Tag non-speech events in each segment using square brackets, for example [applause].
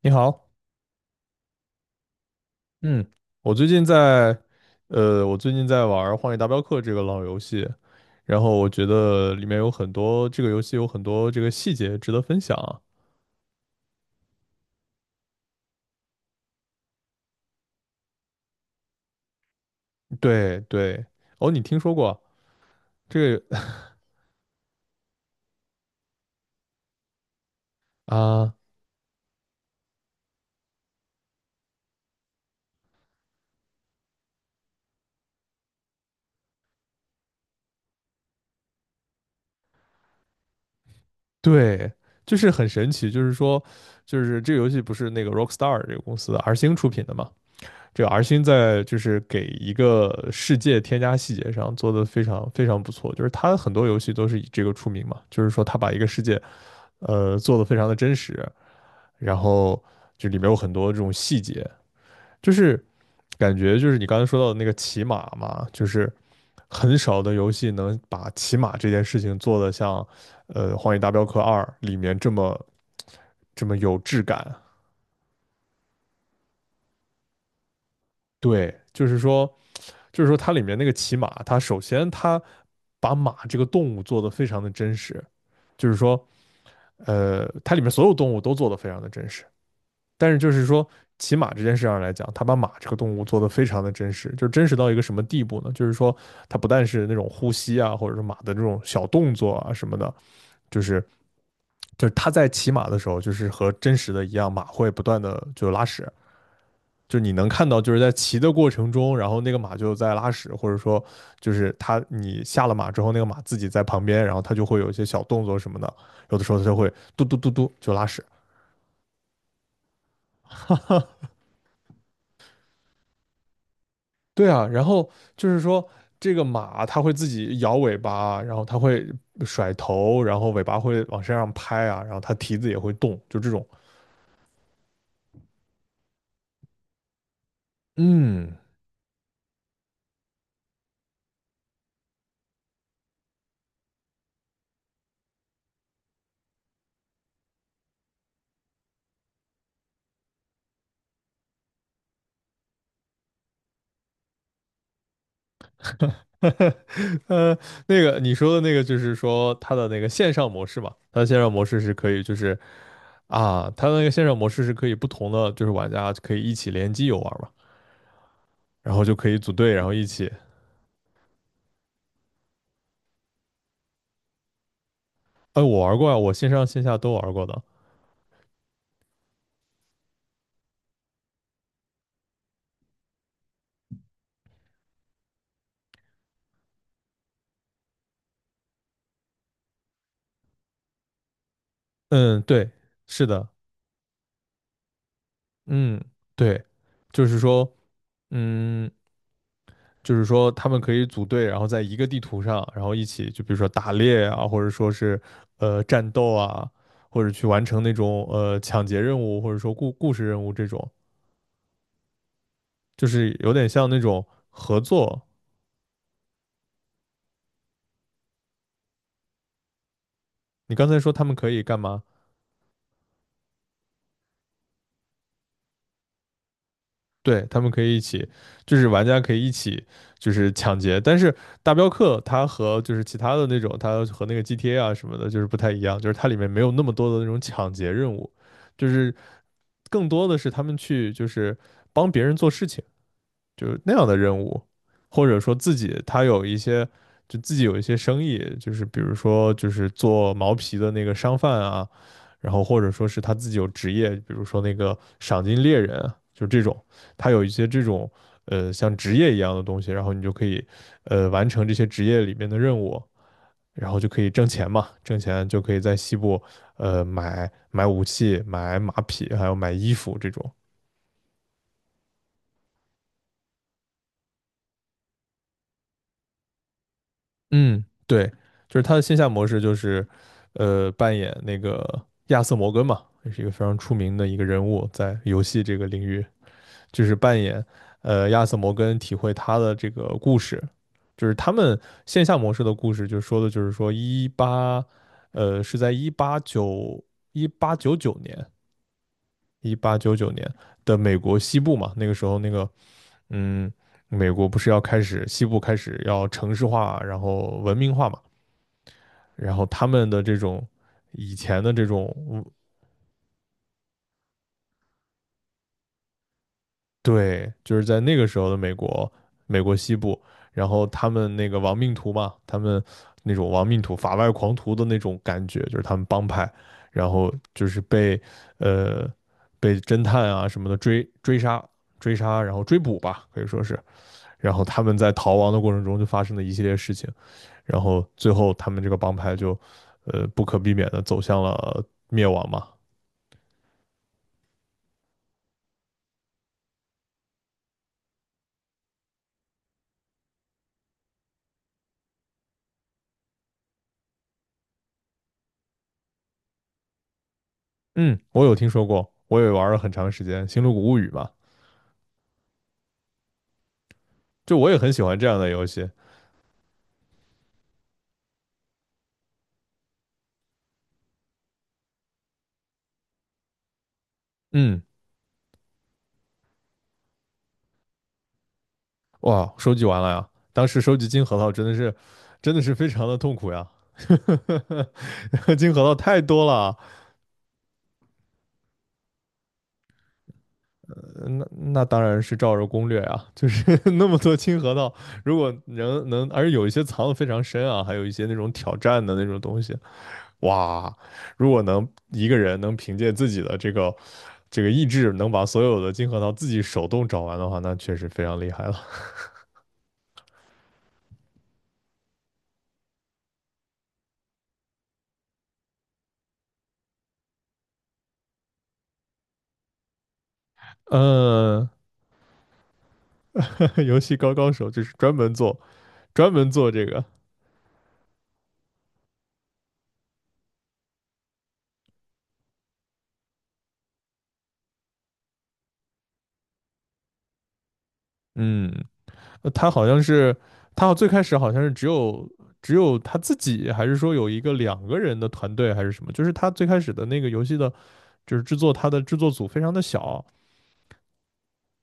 你好，嗯，我最近在，我最近在玩荒野大镖客》这个老游戏，然后我觉得里面有很多这个游戏有很多这个细节值得分享啊。对对，哦，你听说过这个 [laughs] 啊？对，就是很神奇，就是说，就是这个游戏不是那个 Rockstar 这个公司的 R 星出品的嘛？这个 R 星在就是给一个世界添加细节上做得非常非常不错，就是它很多游戏都是以这个出名嘛，就是说它把一个世界。做的非常的真实，然后就里面有很多这种细节，就是感觉就是你刚才说到的那个骑马嘛，就是很少的游戏能把骑马这件事情做得像《荒野大镖客二》里面这么有质感。对，就是说，就是说它里面那个骑马，它首先它把马这个动物做得非常的真实，就是说，它里面所有动物都做得非常的真实。但是就是说，骑马这件事上来讲，他把马这个动物做得非常的真实，就是真实到一个什么地步呢？就是说，它不但是那种呼吸啊，或者是马的这种小动作啊什么的，就是就是他在骑马的时候，就是和真实的一样，马会不断的就拉屎，就是你能看到，就是在骑的过程中，然后那个马就在拉屎，或者说就是他你下了马之后，那个马自己在旁边，然后它就会有一些小动作什么的，有的时候它就会嘟嘟嘟嘟就拉屎，对啊，然后就是说，这个马它会自己摇尾巴啊，然后它会甩头，然后尾巴会往身上拍啊，然后它蹄子也会动，就这种。嗯，[laughs] 呃，那个你说的那个就是说它的那个线上模式嘛，它的那个线上模式是可以不同的就是玩家可以一起联机游玩嘛，然后就可以组队，然后一起。哎，我玩过啊，我线上线下都玩过的。嗯，对，是的，嗯，对，就是说。嗯，就是说他们可以组队，然后在一个地图上，然后一起就比如说打猎啊，或者说是战斗啊，或者去完成那种抢劫任务，或者说故事任务这种，就是有点像那种合作。你刚才说他们可以干嘛？对，他们可以一起，就是玩家可以一起就是抢劫，但是大镖客它和就是其他的那种，它和那个 GTA 啊什么的，就是不太一样，就是它里面没有那么多的那种抢劫任务。就是更多的是他们去就是帮别人做事情，就是那样的任务，或者说自己他有一些就自己有一些生意，就是比如说就是做毛皮的那个商贩啊，然后或者说是他自己有职业，比如说那个赏金猎人啊就这种，他有一些这种像职业一样的东西，然后你就可以完成这些职业里面的任务。然后就可以挣钱嘛，挣钱就可以在西部，买武器、买马匹，还有买衣服这种。嗯，对，就是他的线下模式就是，扮演那个亚瑟摩根嘛，也是一个非常出名的一个人物，在游戏这个领域，就是扮演亚瑟摩根，体会他的这个故事，就是他们线下模式的故事，就说的就是说一八，是在一八九九年，一八九九年的美国西部嘛，那个时候那个。嗯，美国不是要开始西部开始要城市化，然后文明化嘛？然后他们的这种以前的这种，嗯对，就是在那个时候的美国，美国西部，然后他们那个亡命徒嘛，他们那种亡命徒、法外狂徒的那种感觉，就是他们帮派，然后就是被呃被侦探啊什么的追杀、追杀，然后追捕吧，可以说是，然后他们在逃亡的过程中就发生了一系列事情，然后最后他们这个帮派就不可避免的走向了灭亡嘛，嗯，我有听说过，我也玩了很长时间《星露谷物语》嘛，就我也很喜欢这样的游戏。嗯，哇，收集完了呀，当时收集金核桃真的是，真的是非常的痛苦呀，[laughs] 金核桃太多了啊那当然是照着攻略啊，就是 [laughs] 那么多金核桃，如果能，而且有一些藏的非常深啊，还有一些那种挑战的那种东西，哇，如果能一个人能凭借自己的这个意志，能把所有的金核桃自己手动找完的话，那确实非常厉害了。[laughs] 嗯，[laughs] 游戏高手就是专门做这个。嗯，他好像是他最开始好像是只有他自己，还是说有一个2个人的团队，还是什么？就是他最开始的那个游戏的，就是制作他的制作组非常的小，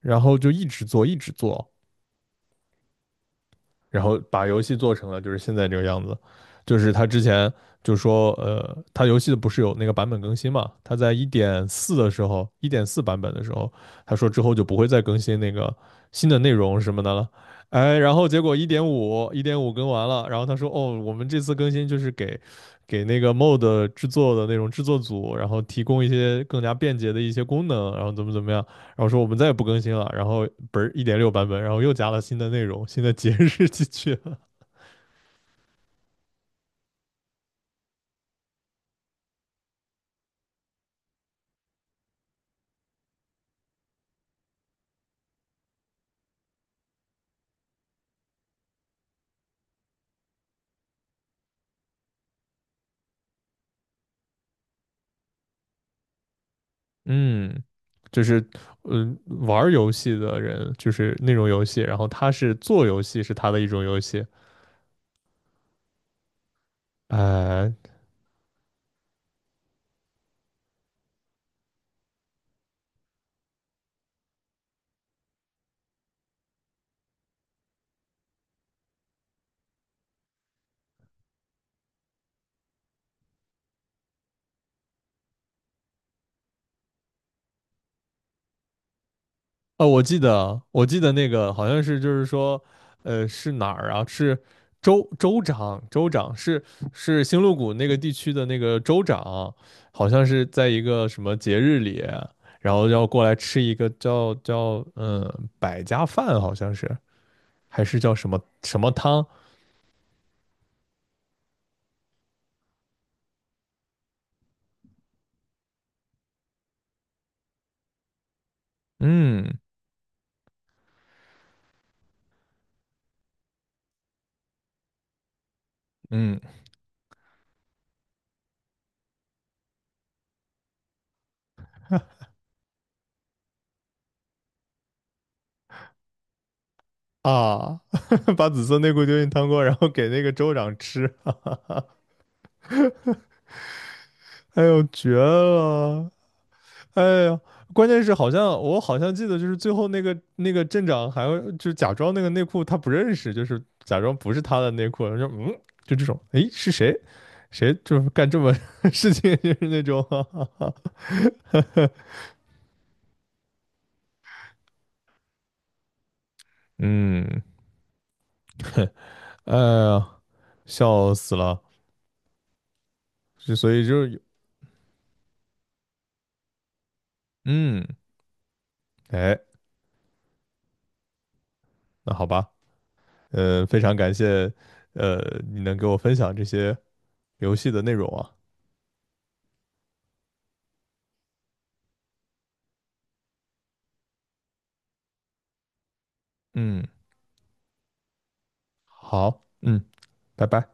然后就一直做，然后把游戏做成了就是现在这个样子。就是他之前就说，他游戏的不是有那个版本更新嘛？他在一点四的时候，一点四版本的时候，他说之后就不会再更新那个新的内容什么的了。哎，然后结果一点五，一点五更完了，然后他说，哦，我们这次更新就是给那个 mod e 制作的那种制作组，然后提供一些更加便捷的一些功能，然后怎么怎么样，然后说我们再也不更新了，然后不是1.6版本，然后又加了新的内容、新的节日进去了。[laughs] 嗯，就是嗯，玩游戏的人就是那种游戏，然后他是做游戏是他的一种游戏。呃，哦，我记得，我记得那个好像是就是说，是哪儿啊？是州长，州长是是星露谷那个地区的那个州长，好像是在一个什么节日里。然后要过来吃一个叫百家饭，好像是还是叫什么什么汤？嗯嗯啊 [laughs]，把紫色内裤丢进汤锅，然后给那个州长吃。[laughs] 哎呦，绝了！哎呀，关键是我好像记得，就是最后那个镇长还要就假装那个内裤他不认识，就是假装不是他的内裤，说嗯，就这种，哎，是谁？谁就是干这么 [laughs] 事情，就是那种，[laughs] 哈哈哈，嗯，哎呀，笑死了，就所以就是，嗯，哎，那好吧，嗯，非常感谢，呃，你能给我分享这些游戏的内容啊。嗯，好，嗯，拜拜。